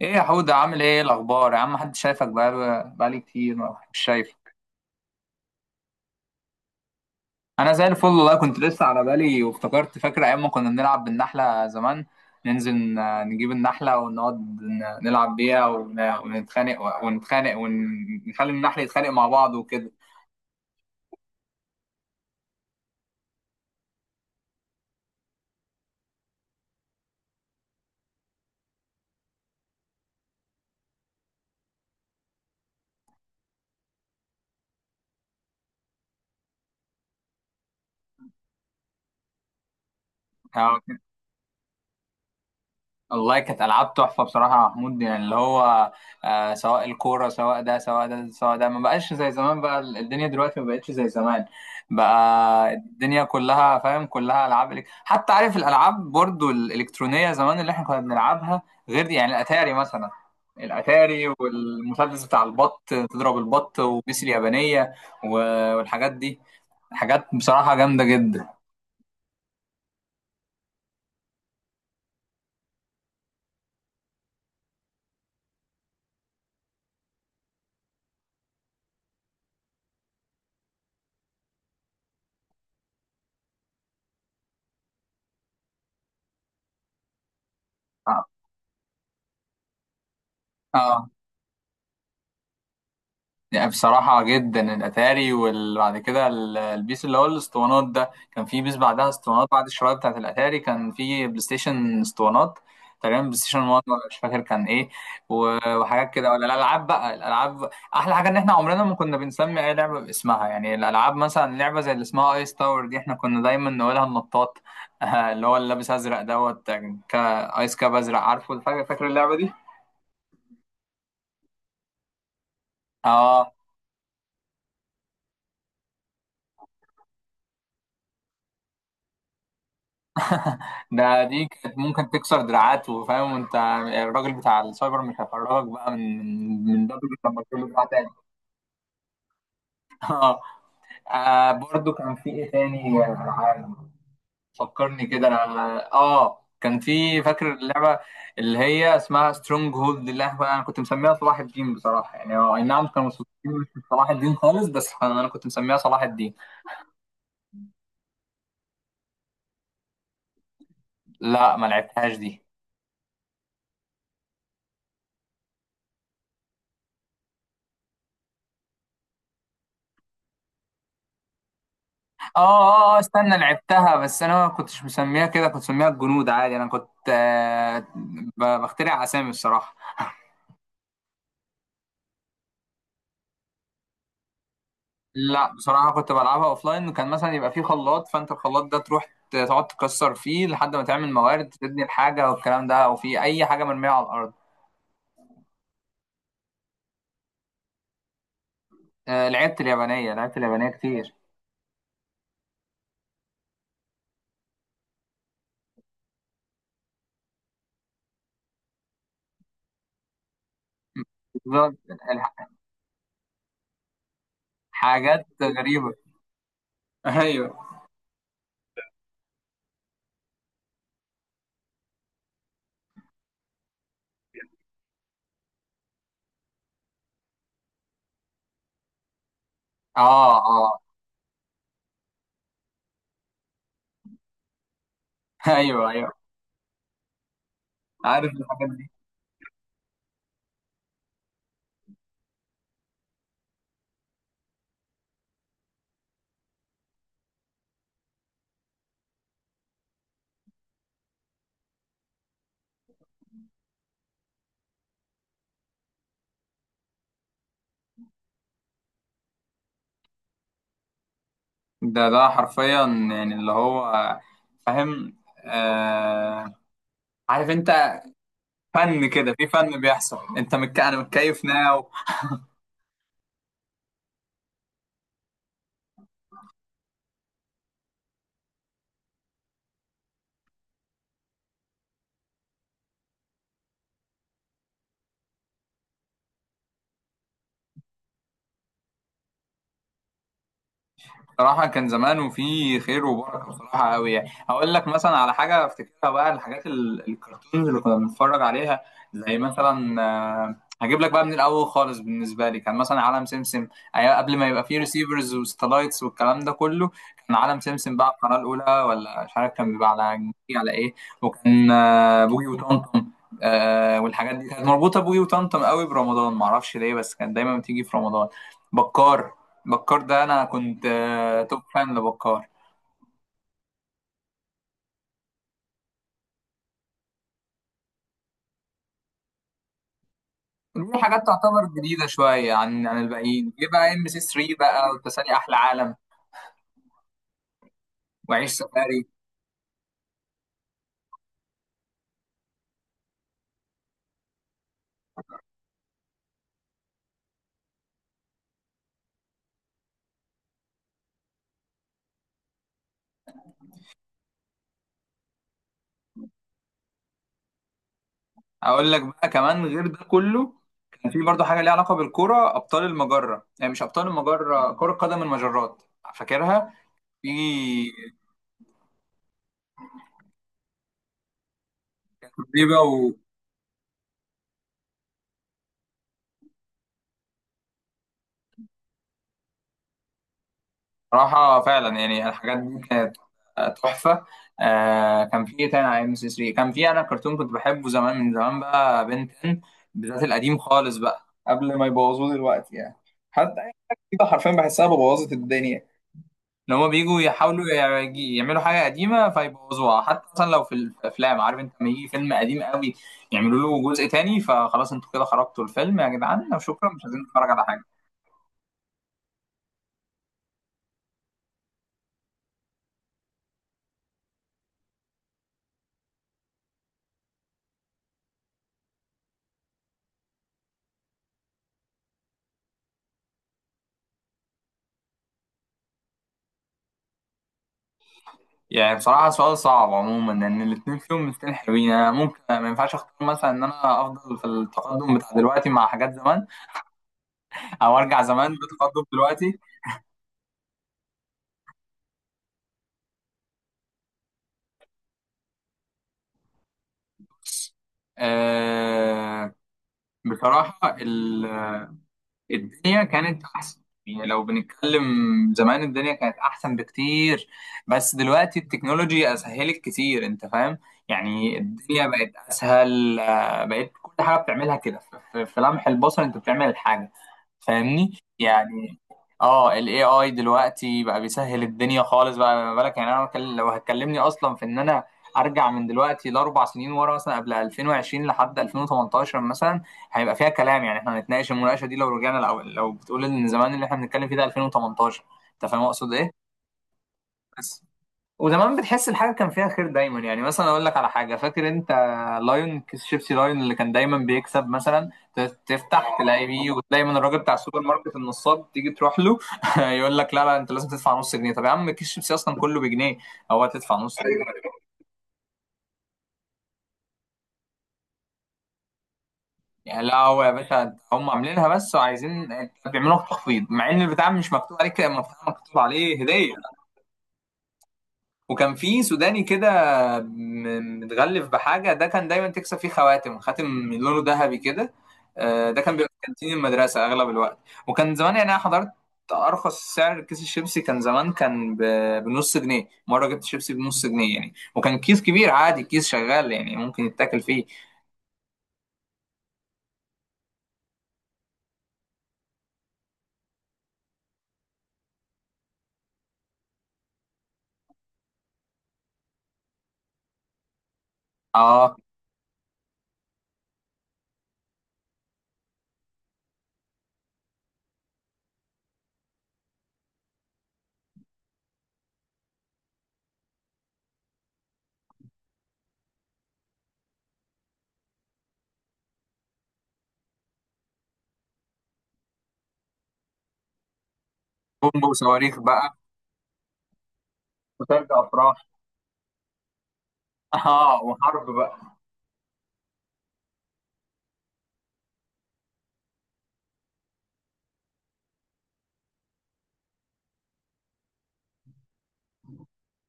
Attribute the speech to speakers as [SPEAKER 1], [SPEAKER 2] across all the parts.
[SPEAKER 1] ايه يا حودة، عامل ايه؟ إيه الاخبار يا عم؟ محدش شايفك بقالي كتير مش شايف. انا زي الفل والله. كنت لسه على بالي وافتكرت، فاكر ايام ما كنا بنلعب بالنحله زمان؟ ننزل، نجيب النحله ونقعد، نلعب بيها ونتخانق، ونخلي النحل يتخانق مع بعض وكده. والله كانت العاب تحفه بصراحه يا محمود، يعني اللي هو سواء الكوره سواء ده سواء ده سواء ده، ما بقاش زي زمان. بقى الدنيا دلوقتي ما بقتش زي زمان. بقى الدنيا كلها، فاهم، كلها العاب. حتى عارف الالعاب برضو الالكترونيه زمان اللي احنا كنا بنلعبها؟ غير دي يعني، الاتاري مثلا. الاتاري، والمسدس بتاع البط تضرب البط، وبيس اليابانيه، والحاجات دي. حاجات بصراحه جامده جدا. اه. آه. يعني بصراحة جدا الأتاري، وبعد كده البيس اللي هو الاسطوانات ده، كان في بيس بعدها اسطوانات، بعد الشرايط بتاعت الأتاري كان في بلاي ستيشن اسطوانات، تقريبا بلاي ستيشن 1، ولا مش فاكر كان ايه وحاجات كده. ولا الألعاب، بقى الألعاب، أحلى حاجة إن احنا عمرنا ما كنا بنسمي أي لعبة باسمها. يعني الألعاب، مثلا لعبة زي اللي اسمها ايس تاور دي، احنا كنا دايما نقولها النطاط. اللي هو، اللي لابس أزرق دوت، ايس كاب أزرق. عارفه؟ فاكر اللعبة دي؟ اه. ده دي كانت ممكن تكسر دراعات، وفاهم انت الراجل بتاع السايبر مش هيخرجك بقى من من دبل لما تقول له بتاع تاني. اه. برضو كان في ايه تاني؟ فكرني كده انا. اه كان في، فاكر اللعبه اللي هي اسمها سترونج هولد، اللي انا كنت مسميها صلاح الدين بصراحه؟ يعني هو، اي نعم، كانوا مستضيفين مش صلاح الدين خالص، بس انا كنت مسميها صلاح الدين. لا، ما لعبتهاش دي. اه، اه، استنى، لعبتها، بس انا ما كنتش مسميها كده، كنت مسميها الجنود عادي. انا كنت بخترع اسامي الصراحه. لا بصراحه كنت بلعبها اوفلاين، وكان مثلا يبقى فيه خلاط، فانت الخلاط ده تروح تقعد تكسر فيه لحد ما تعمل موارد، تبني الحاجه والكلام ده، او في اي حاجه مرميه على الارض. لعبت اليابانيه، كتير. بالظبط. الح- حاجات غريبه. ايوه. اه، اه. ايوه، ايوه، عارف الحاجات دي. ده حرفيا يعني، اللي هو فاهم. آه عارف انت، فن كده، في فن بيحصل. انت انا متكيف ناو. بصراحة كان زمان وفي خير وبركة بصراحة قوي. يعني هقول لك مثلا على حاجة افتكرها بقى، الحاجات الكرتونز اللي كنا بنتفرج عليها، زي مثلا، هجيب لك بقى من الأول خالص، بالنسبة لي كان مثلا عالم سمسم. أيام قبل ما يبقى فيه ريسيفرز وستلايتس والكلام ده كله، كان عالم سمسم بقى القناة الأولى، ولا مش عارف كان بيبقى على جي على إيه. وكان بوجي وطمطم. والحاجات دي كانت مربوطة بوجي وطمطم قوي برمضان، معرفش ليه، بس كانت دايما بتيجي في رمضان. بكار. بكار ده انا كنت توب فان لبكار. له حاجات تعتبر جديده شويه عن الباقيين. جه بقى ام سي 3 بقى، وتسالي احلى عالم، وعيش سفاري. اقول لك بقى كمان، غير ده كله كان في برضه حاجه ليها علاقه بالكوره، ابطال المجره. يعني مش ابطال المجره، كره قدم المجرات. فاكرها؟ في تريبه. صراحة فعلا يعني الحاجات دي كانت تحفة. كان في إيه تاني على ام سي 3؟ كان في انا كرتون كنت بحبه زمان من زمان بقى، بنتن. بالذات القديم خالص بقى، قبل ما يبوظوه دلوقتي يعني. حتى أي حاجة جديدة حرفيا بحسها بوظت الدنيا. لو هما بيجوا يحاولوا يعملوا حاجة قديمة فيبوظوها. حتى مثلا لو في الأفلام، عارف أنت، لما يجي فيلم قديم قوي يعملوا له جزء تاني، فخلاص، أنتوا كده خرجتوا الفيلم يا جدعان، وشكرا، مش عايزين نتفرج على حاجة. يعني بصراحة سؤال صعب عموما، لأن الاتنين فيهم مستين حلوين. أنا ممكن ما ينفعش أختار مثلا إن أنا أفضل في التقدم بتاع دلوقتي مع حاجات زمان، أو أرجع زمان بتقدم دلوقتي. أه بصراحة الدنيا كانت أحسن. يعني لو بنتكلم، زمان الدنيا كانت أحسن بكتير. بس دلوقتي التكنولوجيا أسهلت كتير، أنت فاهم. يعني الدنيا بقت أسهل، بقت كل حاجة بتعملها كده في لمح البصر، أنت بتعمل الحاجة. فاهمني يعني. اه ال AI دلوقتي بقى بيسهل الدنيا خالص بقى. ما بالك يعني، انا لو هتكلمني اصلا في ان انا ارجع من دلوقتي ل4 سنين ورا، مثلا قبل 2020 لحد 2018 مثلا، هيبقى فيها كلام. يعني احنا هنتناقش المناقشه دي لو رجعنا، لو بتقول ان زمان اللي احنا بنتكلم فيه ده 2018؟ انت فاهم اقصد ايه؟ بس. وزمان بتحس الحاجه كان فيها خير دايما، يعني مثلا اقول لك على حاجه، فاكر انت لايون، كيس شيبسي لايون اللي كان دايما بيكسب مثلا؟ تفتح تلاقي بيه، وتلاقي من الراجل بتاع السوبر ماركت النصاب، تيجي تروح له يقول لك لا، لا، انت لازم تدفع نص جنيه. طب يا عم كيس شيبسي اصلا كله بجنيه، هو هتدفع نص جنيه؟ يعني لا، هو يا باشا هم عاملينها بس، وعايزين بيعملوا لك تخفيض، مع ان البتاع مش مكتوب عليك، مكتوب عليه هديه. وكان في سوداني كده، متغلف بحاجة، ده كان دايما تكسب فيه خواتم، خاتم من لونه ذهبي كده. ده كان بيبقى في كانتين المدرسة أغلب الوقت. وكان زمان، يعني أنا حضرت أرخص سعر كيس الشيبسي كان زمان، كان بنص جنيه. مرة جبت شيبسي بنص جنيه يعني، وكان كيس كبير عادي، كيس شغال يعني ممكن يتاكل فيه. اه، بومب وصواريخ بقى. وترجع أفراح. اه، وحرب بقى.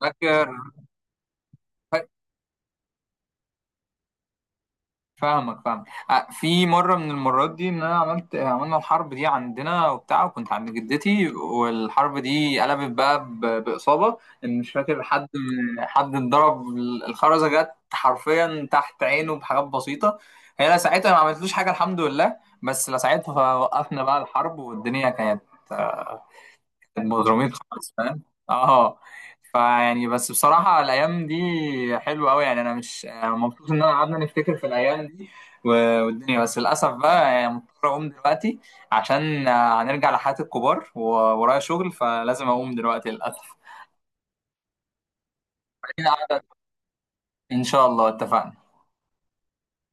[SPEAKER 1] فاكر. فاهمك، فاهم. في مره من المرات دي ان انا عملنا الحرب دي عندنا وبتاع، وكنت عند جدتي، والحرب دي قلبت بقى باصابه. ان مش فاكر حد، حد اتضرب. الخرزه جت حرفيا تحت عينه بحاجات بسيطه. هي لا ساعتها ما عملتلوش حاجه، الحمد لله، بس لا ساعتها وقفنا بقى الحرب، والدنيا كانت مضرومين خالص، فاهم. اه. فيعني، بس بصراحة الأيام دي حلوة أوي يعني. أنا مش، أنا مبسوط إن أنا قعدنا نفتكر في الأيام دي والدنيا. بس للأسف بقى يعني مضطر أقوم دلوقتي، عشان هنرجع لحياة الكبار، وورايا شغل، فلازم أقوم دلوقتي للأسف. إن شاء الله، اتفقنا.